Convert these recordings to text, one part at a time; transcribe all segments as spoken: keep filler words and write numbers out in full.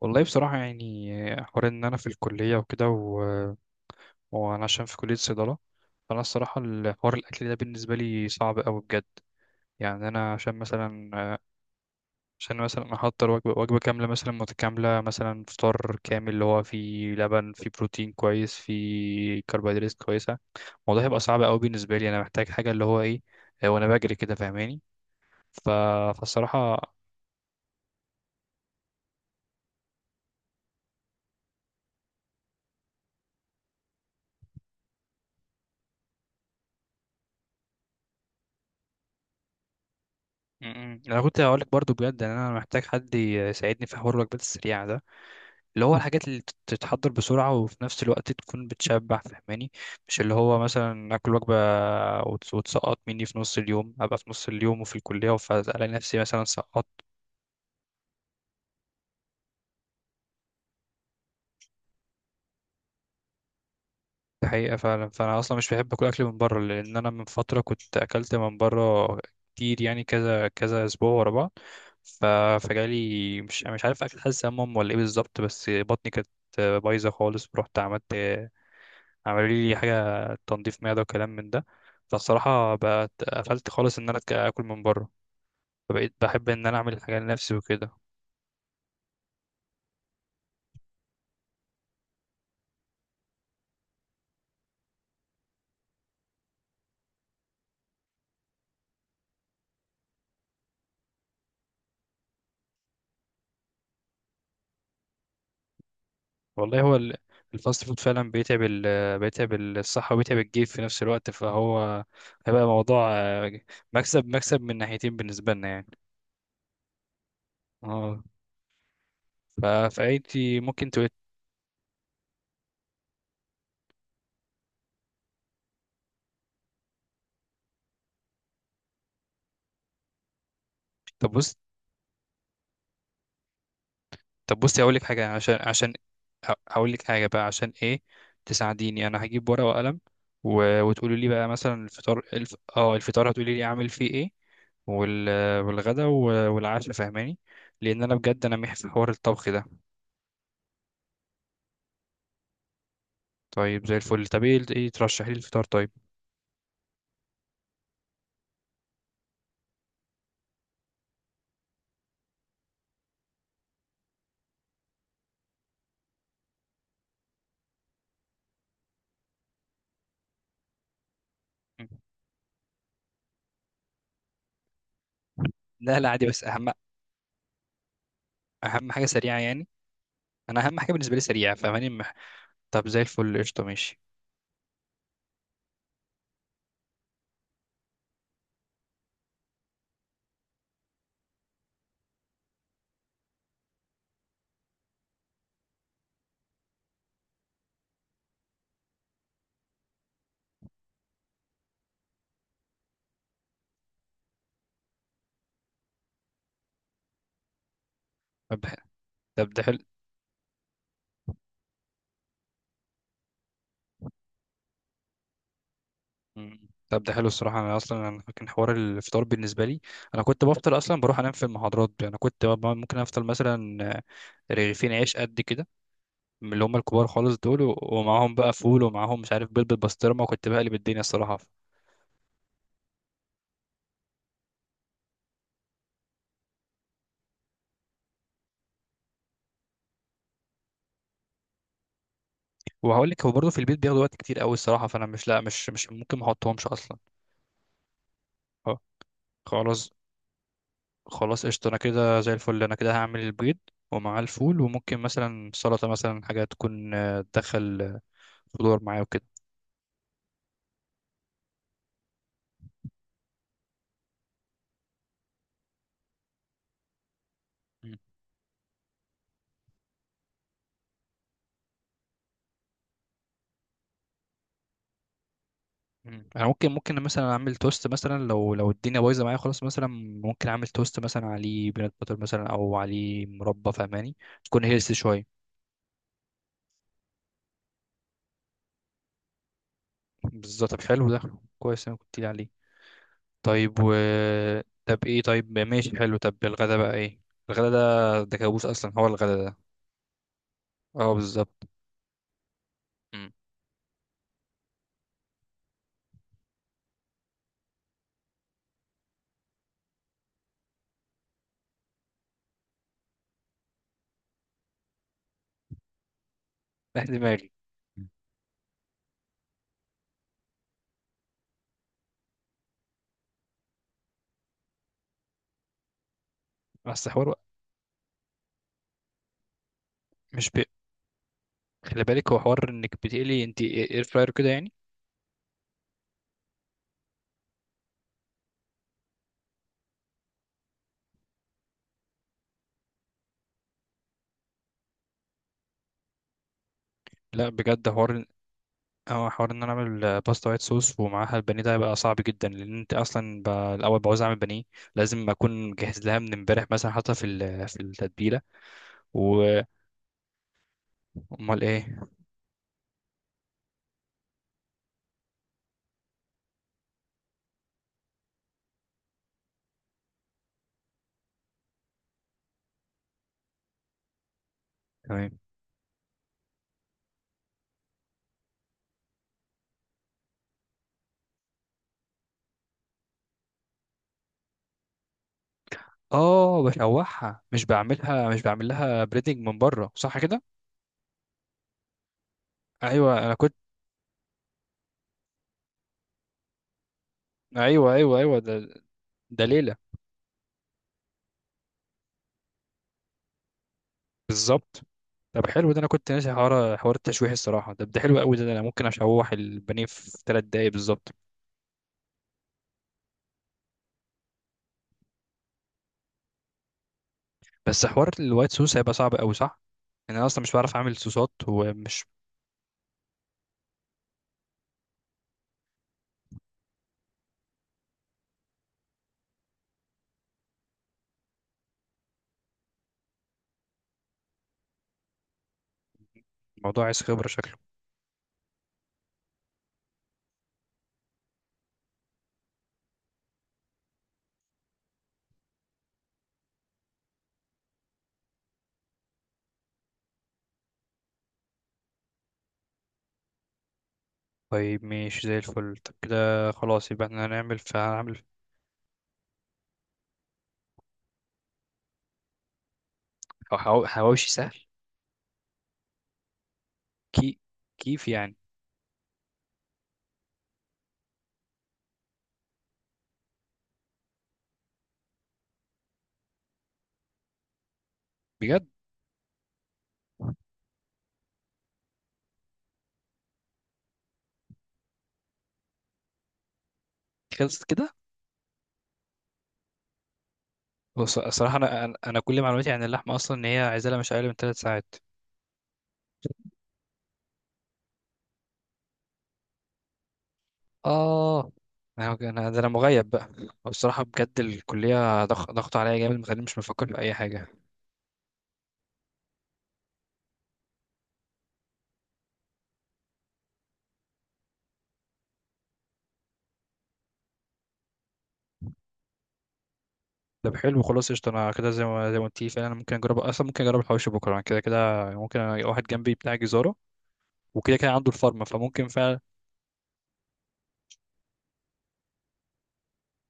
والله بصراحة يعني حوار إن أنا في الكلية وكده و- وأنا عشان في كلية صيدلة. فأنا الصراحة الحوار الأكل ده بالنسبة لي صعب أوي بجد. يعني أنا عشان مثلا عشان مثلا أحضر وجبة وجبة كاملة مثلا متكاملة، مثلا فطار كامل اللي هو فيه لبن، فيه بروتين كويس، فيه كربوهيدرات كويسة. الموضوع هيبقى صعب أوي بالنسبة لي، أنا محتاج حاجة اللي هو إيه، وأنا بجري كده، فاهماني؟ ف... فالصراحة م- م. أنا كنت هقولك برضو بجد إن أنا محتاج حد يساعدني في حوار الوجبات السريعة ده، اللي هو الحاجات اللي تت- تتحضر بسرعة وفي نفس الوقت تكون بتشبع، فهماني؟ مش اللي هو مثلا آكل وجبة وتس- وتسقط مني في نص اليوم، أبقى في نص اليوم وفي الكلية، فألاقي نفسي مثلا سقطت. دي حقيقة فعلا، فأنا أصلا مش بحب أكل أكل من بره، لأن أنا من فترة كنت أكلت من بره كتير، يعني كذا كذا أسبوع ورا بعض. ف... فجالي مش مش عارف أكل، حاسس أمم ولا إيه بالظبط، بس بطني كانت بايظة خالص. رحت عملت، عملوا لي حاجة تنظيف معدة وكلام من ده. فالصراحة بقت قفلت خالص إن أنا أتك- آكل من بره، فبقيت بحب إن أنا أعمل الحاجة لنفسي وكده. والله هو ال- الفاست فود فعلا بيتعب ال بيتعب الصحة وبيتعب الجيب في نفس الوقت، فهو هيبقى موضوع آه، مكسب مكسب من ناحيتين بالنسبة لنا يعني. اه. ف- فأنتي ممكن تقولي. طب بص، طب بصي هقول لك حاجة، عشان عشان هقول لك حاجة بقى عشان ايه تساعديني. انا هجيب ورقة وقلم و... وتقولي لي بقى مثلا الفطار الف... اه الفطار هتقولي لي اعمل فيه ايه، وال... والغدا و... والعشاء، فاهماني؟ لان انا بجد انا محي في حوار الطبخ ده. طيب زي الفل، طب ايه، ايه ترشحي لي الفطار طيب؟ م. لا لا عادي، بس اهم، اهم حاجة سريعة يعني، انا اهم حاجة بالنسبة لي سريعة، فاهماني؟ مح- طب زي الفل، قشطة ماشي. طب ده، طب ده حلو. مم. طب ده حلو الصراحة. أنا أصلا أنا كان حوار الفطار بالنسبة لي، أنا كنت بفطر أصلا بروح أنام في المحاضرات. أنا كنت ب- ممكن أفطر مثلا آه، رغيفين عيش قد كده من اللي هم الكبار خالص دول، و- ومعاهم بقى فول، ومعاهم مش عارف بيض بالبسطرمة، وكنت بقلب الدنيا الصراحة. وهقول لك هو برضه في البيت بياخدوا وقت كتير أوي الصراحة، فأنا مش، لا مش مش ممكن ما أحطهمش أصلا. أه. خلاص، خلاص قشطة، أنا كده زي الفل أنا كده هعمل البيض ومعاه الفول، وممكن مثلا سلطة مثلا، حاجة تكون آه، تدخل آه، خضار معاه وكده. مم. انا ممكن، ممكن مثلا اعمل توست مثلا، لو لو الدنيا بايظه معايا خلاص مثلا ممكن اعمل توست مثلا عليه بينات باتر مثلا، او عليه مربى، فاهماني؟ تكون هيلثي شويه. بالظبط. طب حلو ده، كويس، انا كنت لي عليه. طيب و، طب ايه، طيب ماشي حلو. طب الغدا بقى ايه؟ الغدا ده، ده كابوس اصلا هو الغدا ده. اه بالظبط. امم دماغي. بس حوار، مش بي... خلي بالك هو حوار انك بتقلي انت، اير فراير كده يعني. لا بجد حوار، اه حوار ان انا اعمل باستا وايت صوص ومعاها البانيه، ده هيبقى صعب جدا، لان انت اصلا ب... الاول بعوز اعمل بانيه، لازم اكون مجهز لها من امبارح، مثلا حاطها في ال... في التتبيله. وامال ايه؟ تمام. اه بشوحها، مش بعملها، مش بعمل لها بريدنج من بره، صح كده؟ ايوه انا كنت، ايوه ايوه ايوه أيوة، ده، ده ليله. بالظبط. طب حلو ده، انا كنت ناسي حوار حوار التشويح الصراحه، ده ده حلو قوي، ده ده انا ممكن اشوح البانيه في ثلاث دقايق بالظبط. بس حوار الوايت سوس هيبقى صعب قوي صح؟ يعني انا اصلا مش بعرف اعمل صوصات ومش، موضوع عايز خبره شكله. طيب ماشي زي الفل، طب كده خلاص يبقى احنا هنعمل، فهنعمل. أو حوا- حواوشي سهل. كي، كيف يعني؟ بجد خلصت كده؟ بص الصراحه انا انا أنا كل معلوماتي عن اللحمه اصلا ان هي عايزه لها مش اقل من ثلاث ساعات. اه. انا أنا- ده انا مغيب بقى الصراحه بجد، الكليه ضغ- ضغط عليا جامد، مخليني مش مفكر في اي حاجه. طب حلو، خلاص قشطة، أنا كده زي ما زي ما قلت لي فعلا، أنا ممكن أجرب، أصلا ممكن أجرب الحواوشي بكرة، أنا كده كده ممكن ألاقي واحد جنبي بتاع جزارة وكده كده عنده الفارما، فممكن فعلا.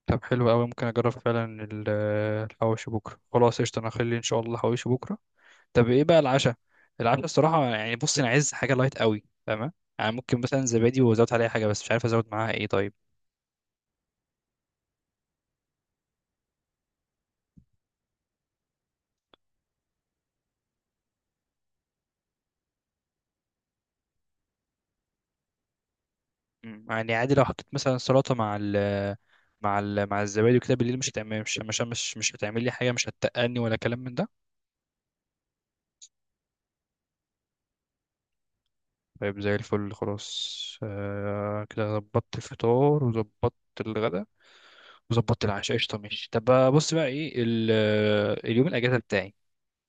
طب حلو أوي، ممكن أجرب فعلا ال- آه، الحواوشي بكرة. خلاص قشطة، أنا هخلي إن شاء الله الحواوشي بكرة. طب إيه بقى العشاء؟ العشاء الصراحة يعني بص أنا عايز حاجة لايت أوي، فاهمة؟ يعني ممكن مثلا زبادي وأزود عليها حاجة، بس مش عارف أزود معاها إيه طيب. مم، يعني عادي لو حطيت مثلا سلطة مع ال، مع ال مع الزبادي وكده بالليل، مش هتعمل، مش مش مش مش هتعمل لي حاجة، مش هتتقلني ولا كلام من ده؟ طيب زي الفل خلاص، آه كده ظبطت الفطار، وظبطت الغداء، وظبطت العشاء، قشطة ماشي. طب بقى، بص بقى ايه ال- آه، اليوم الأجازة بتاعي.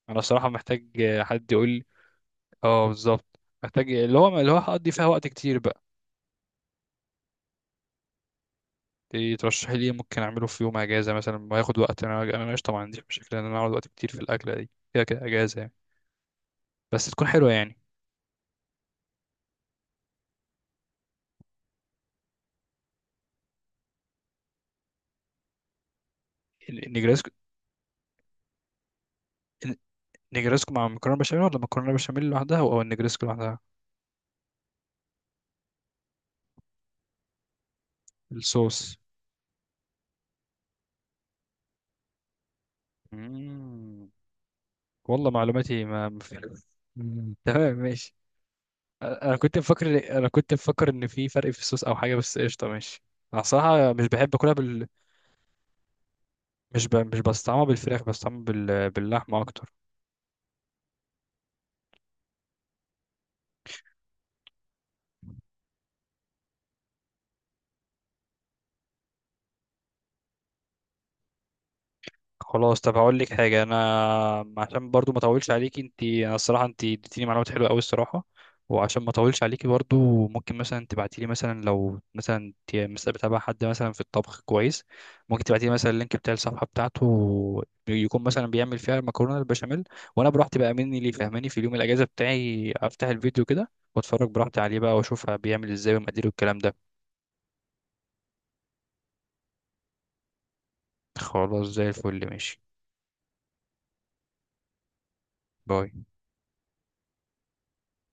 أنا الصراحة محتاج آه، حد يقول لي. اه بالظبط، محتاج اللي هو، اللي هو هقضي فيها وقت كتير بقى. إيه ترشحي لي، إيه ممكن أعمله في يوم أجازة مثلا وهياخد وقت، أنا أنا قشطة ما عنديش مشكلة إن أنا أقعد وقت كتير في الأكلة دي، كده كده أجازة يعني، بس تكون حلوة يعني. ال- النجريسكو، النجريسكو مع مكرونة بشاميل، ولا مكرونة بشاميل لوحدها، أو النجريسكو لوحدها؟ الصوص. مم. والله معلوماتي ما ما في- مم. تمام ماشي. انا كنت مفكر، انا كنت مفكر ان في فرق في الصوص او حاجه، بس قشطه ماشي. انا صراحه مش بحب اكلها بال، مش ب... مش بستعملها بالفراخ، بستعملها بال... باللحمه اكتر. خلاص، طب هقول لك حاجه، انا عشان برضو ما اطولش عليكي انت، انا الصراحه انت اديتيني معلومات حلوه قوي الصراحه. وعشان ما اطولش عليكي برضو، ممكن مثلا تبعتي لي مثلا، لو مثلا انت مثلا بتابع حد مثلا في الطبخ كويس، ممكن تبعتي لي مثلا اللينك بتاع الصفحه بتاعته، يكون مثلا بيعمل فيها المكرونه البشاميل، وانا براحتي بقى مني ليه فاهماني، في اليوم الاجازه بتاعي افتح الفيديو كده واتفرج براحتي عليه بقى، واشوف بيعمل ازاي ومقاديره والكلام ده. خلاص زي الفل ماشي. باي.